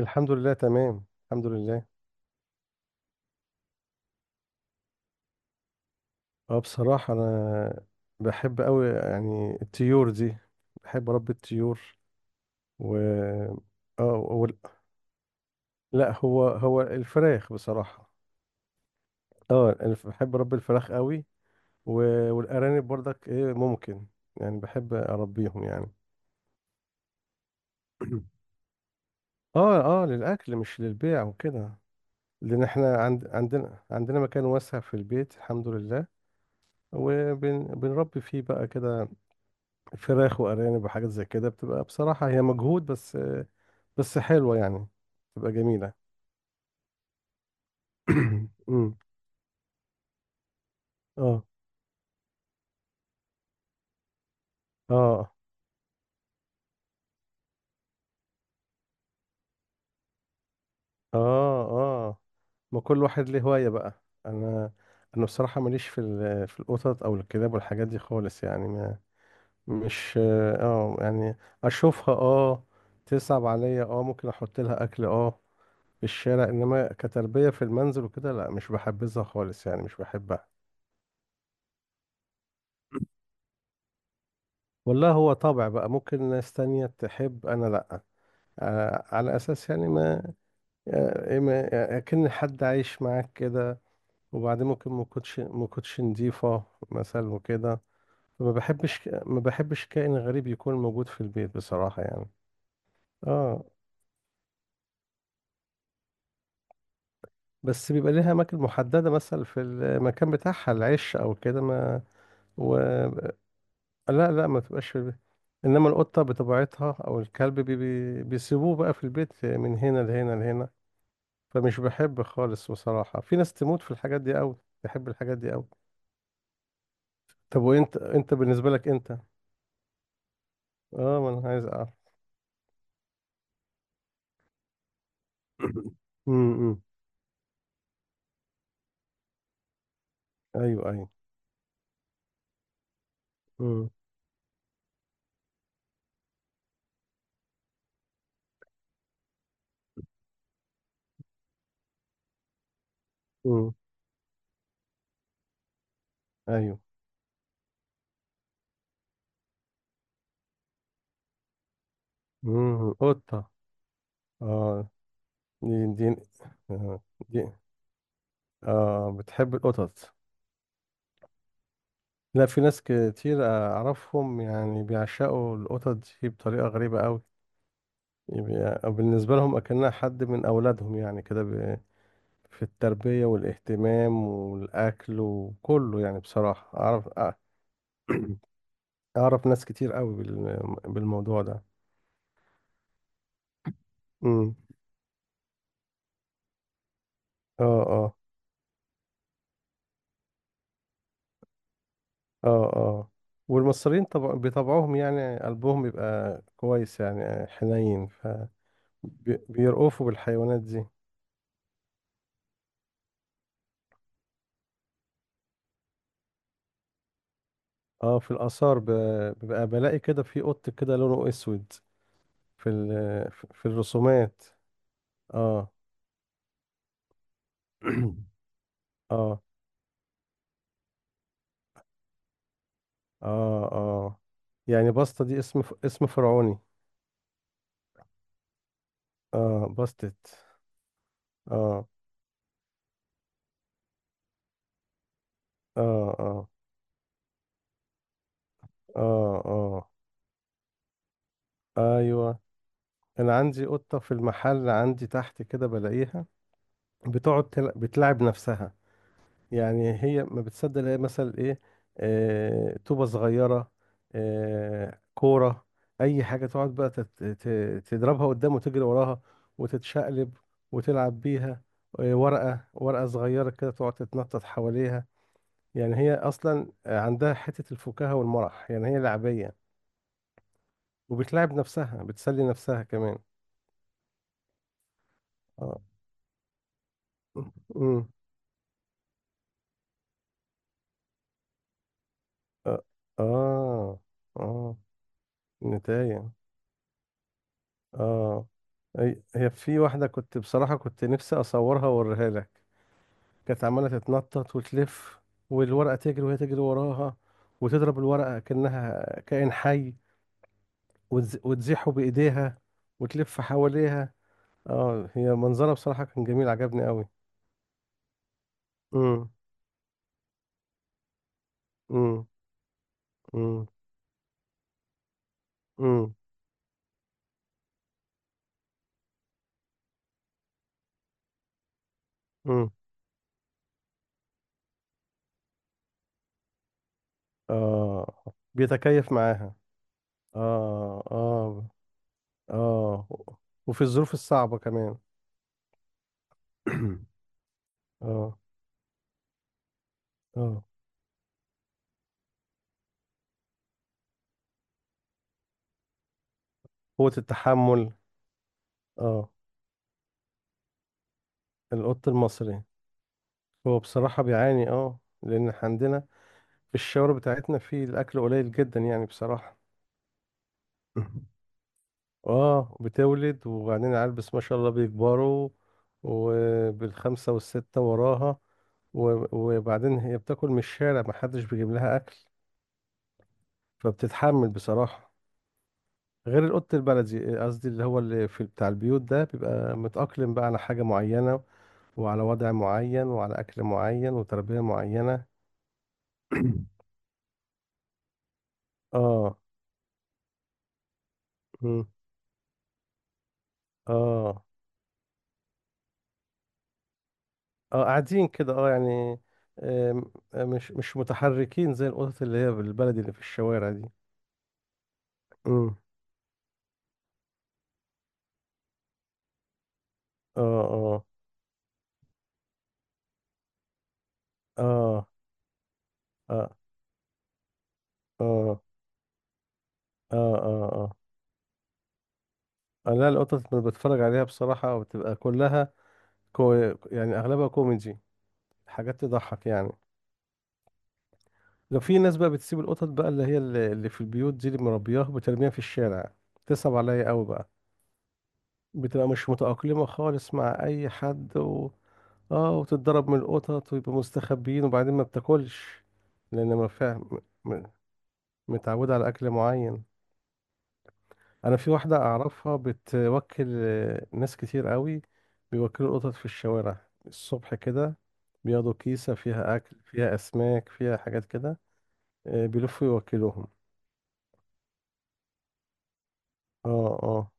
الحمد لله، تمام، الحمد لله. اه بصراحة أنا بحب أوي يعني الطيور دي، بحب أربي الطيور. و اه وال- لا، هو هو الفراخ بصراحة. بحب أربي الفراخ أوي. والأرانب برضك إيه ممكن يعني بحب أربيهم يعني. اه للأكل مش للبيع وكده، لأن احنا عندنا مكان واسع في البيت، الحمد لله، وبنربي فيه بقى كده فراخ وارانب وحاجات زي كده، بتبقى بصراحه هي مجهود، بس حلوه يعني، بتبقى جميله. امم اه اه اه اه ما كل واحد ليه هوايه بقى. انا انا بصراحه ماليش في في القطط او الكلاب والحاجات دي خالص يعني، ما مش، اه يعني اشوفها تصعب عليا، ممكن احط لها اكل في الشارع، انما كتربيه في المنزل وكده لا، مش بحبذها خالص يعني، مش بحبها. والله هو طبع بقى، ممكن ناس تانية تحب، أنا لأ. على أساس يعني ما، أكن حد عايش معاك كده، وبعدين ممكن ما كنتش نضيفة مثلا وكده، فما بحبش ما بحبش كائن غريب يكون موجود في البيت بصراحة يعني. اه، بس بيبقى ليها أماكن محددة مثلا، في المكان بتاعها العش أو كده ما و... لا لا، ما تبقاش في البيت. إنما القطة بطبيعتها أو الكلب بيسيبوه بقى في البيت من هنا لهنا لهنا، فمش بحب خالص بصراحة. في ناس تموت في الحاجات دي قوي، تحب الحاجات دي قوي. طب وانت، بالنسبة لك انت؟ اه ما انا عايز اعرف. امم ايوه، ايوه. امم امم ايوه. قطة، اه. دي. آه، دي اه، بتحب القطط. لا، في ناس كتير اعرفهم يعني بيعشقوا القطط دي بطريقة غريبة قوي، يبقى بالنسبة لهم اكنها حد من اولادهم يعني كده، في التربية والاهتمام والأكل وكله، يعني بصراحة أعرف، ناس كتير قوي بالموضوع ده. امم اه اه اه اه والمصريين طبع بطبعهم يعني، قلبهم بيبقى كويس يعني، حنين، فبيرأفوا بالحيوانات دي. اه، في الآثار بيبقى بلاقي كده في قط كده لونه أسود، في في الرسومات. اه. اه اه اه يعني بسطة دي اسم اسم فرعوني. اه، باستت. اه اه اه اه اه ايوه. انا عندي قطه في المحل عندي تحت كده بلاقيها بتلعب نفسها. يعني هي ما بتصدق، هي مثلا ايه؟ طوبه صغيره، كوره، اي حاجه تقعد بقى تضربها قدام وتجري وراها، وتتشقلب وتلعب بيها. ورقه، ورقه صغيره كده تقعد تتنطط حواليها. يعني هي اصلا عندها حته الفكاهه والمرح يعني، هي لعبيه، وبتلاعب نفسها، بتسلي نفسها كمان. اه امم اه اه آه. نتاية، اه. هي في واحدة، كنت بصراحة كنت نفسي أصورها وأوريها لك. كانت عمالة تتنطط وتلف، والورقة تجري وهي تجري وراها، وتضرب الورقة كأنها كائن حي، وتزيحه بإيديها وتلف حواليها. اه، هي منظرها بصراحة كان جميل، عجبني قوي. امم امم امم امم. اه، بيتكيف معاها. اه اه اه، وفي الظروف الصعبة كمان. اه اه قوة التحمل. اه، القط المصري هو بصراحة بيعاني، اه، لأن إحنا عندنا في الشوارع بتاعتنا في الأكل قليل جدا يعني بصراحة. اه، بتولد وبعدين العيال بس ما شاء الله بيكبروا، وبالخمسة والستة وراها. و- وبعدين هي بتاكل من الشارع، محدش بيجيب لها أكل، فبتتحمل بصراحة. غير القط البلدي، قصدي اللي هو اللي في بتاع البيوت ده، بيبقى متأقلم بقى على حاجة معينة، وعلى وضع معين، وعلى أكل معين وتربية معينة. اه. مم. اه اه قاعدين كده اه يعني. آم، آه، مش مش متحركين زي القطط اللي هي بالبلدي اللي في الشوارع دي. مم. اه اه اه اه اه اه اه اه لا، القطط اللي بتفرج عليها بصراحة بتبقى كلها، كو يعني أغلبها كوميدي، حاجات تضحك يعني. لو في ناس بقى بتسيب القطط بقى اللي هي اللي في البيوت دي اللي مربياها وبترميها في الشارع، تصعب عليا قوي بقى. بتبقى مش متأقلمة خالص مع أي حد اه، وتتضرب من القطط ويبقوا مستخبيين، وبعدين ما بتاكلش لأن ما فاهم متعودة على أكل معين. أنا في واحدة أعرفها بتوكل ناس كتير قوي، بيوكلوا القطط في الشوارع الصبح كده، بياخدوا كيسة فيها أكل، فيها أسماك، فيها حاجات كده، بيلفوا يوكلوهم. اه اه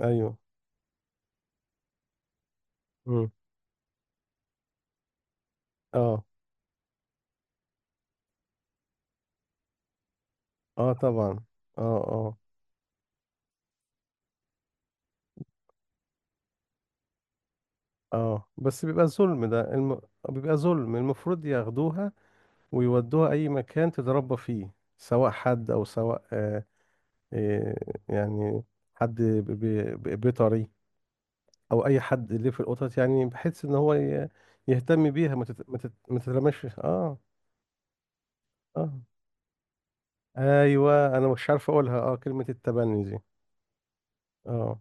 ايوه. امم اه اه طبعا. اه اه اه، بس بيبقى ظلم ده، بيبقى ظلم، المفروض ياخدوها ويودوها اي مكان تتربى فيه، سواء حد او سواء، آه يعني، حد ب... ب... ب- بيطري، او اي حد اللي في القطط يعني، بحيث ان هو يهتم بيها ما تترماش اه. اه ايوه، انا مش عارف اقولها اه كلمة التبني دي. اه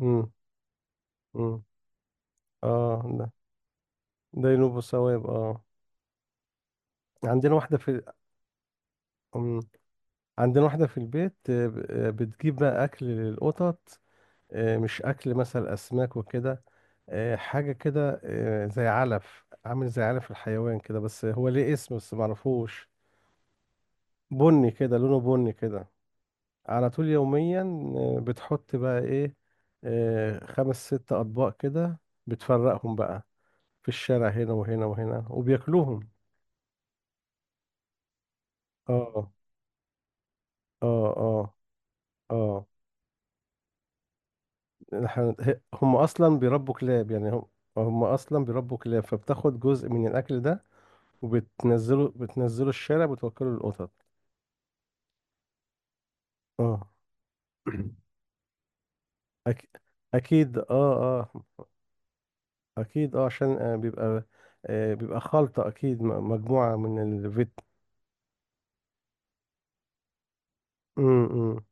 امم امم اه ده، ده ينوب الثواب اه. عندنا واحدة في، أم، عندنا واحدة في البيت، بتجيب بقى أكل للقطط، مش أكل مثلا أسماك وكده، حاجة كده، زي علف، عامل زي علف الحيوان كده، بس هو ليه اسم بس معرفوش، بني كده، لونه بني كده، على طول يوميا. بتحط بقى إيه؟ خمس ست أطباق كده، بتفرقهم بقى في الشارع هنا وهنا وهنا وبياكلوهم. اه اه اه اه إحنا- هي- هم اصلا بيربوا كلاب، يعني هم اصلا بيربوا كلاب، فبتاخد جزء من الاكل ده، وبتنزله الشارع، بتوكله للقطط. اه. أك... اكيد اه. اه اكيد اه، عشان بيبقى بيبقى خلطة اكيد، مجموعة من الفيت. م- م.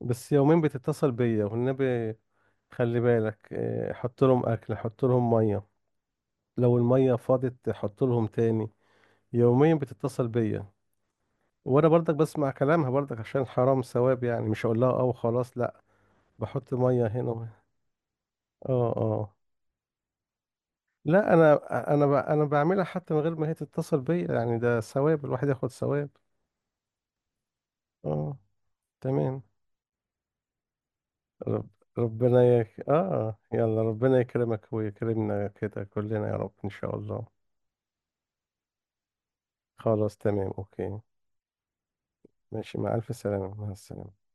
بس يومين بتتصل بيا والنبي، خلي بالك آه، حط لهم اكل، حط لهم مية، لو المية فاضت حط لهم تاني، يوميا بتتصل بيا، وانا برضك بسمع كلامها برضك عشان حرام، ثواب يعني، مش هقول لها اه وخلاص لا، بحط ميه هنا اه. لا انا، انا بعملها حتى من غير ما هي تتصل بيا، يعني ده ثواب، الواحد ياخد ثواب. اه، تمام. رب ربنا يك... اه يلا، ربنا يكرمك ويكرمنا كده كلنا يا رب، ان شاء الله. خلاص، تمام، اوكي، ماشي، مع الف سلامة، مع السلامة.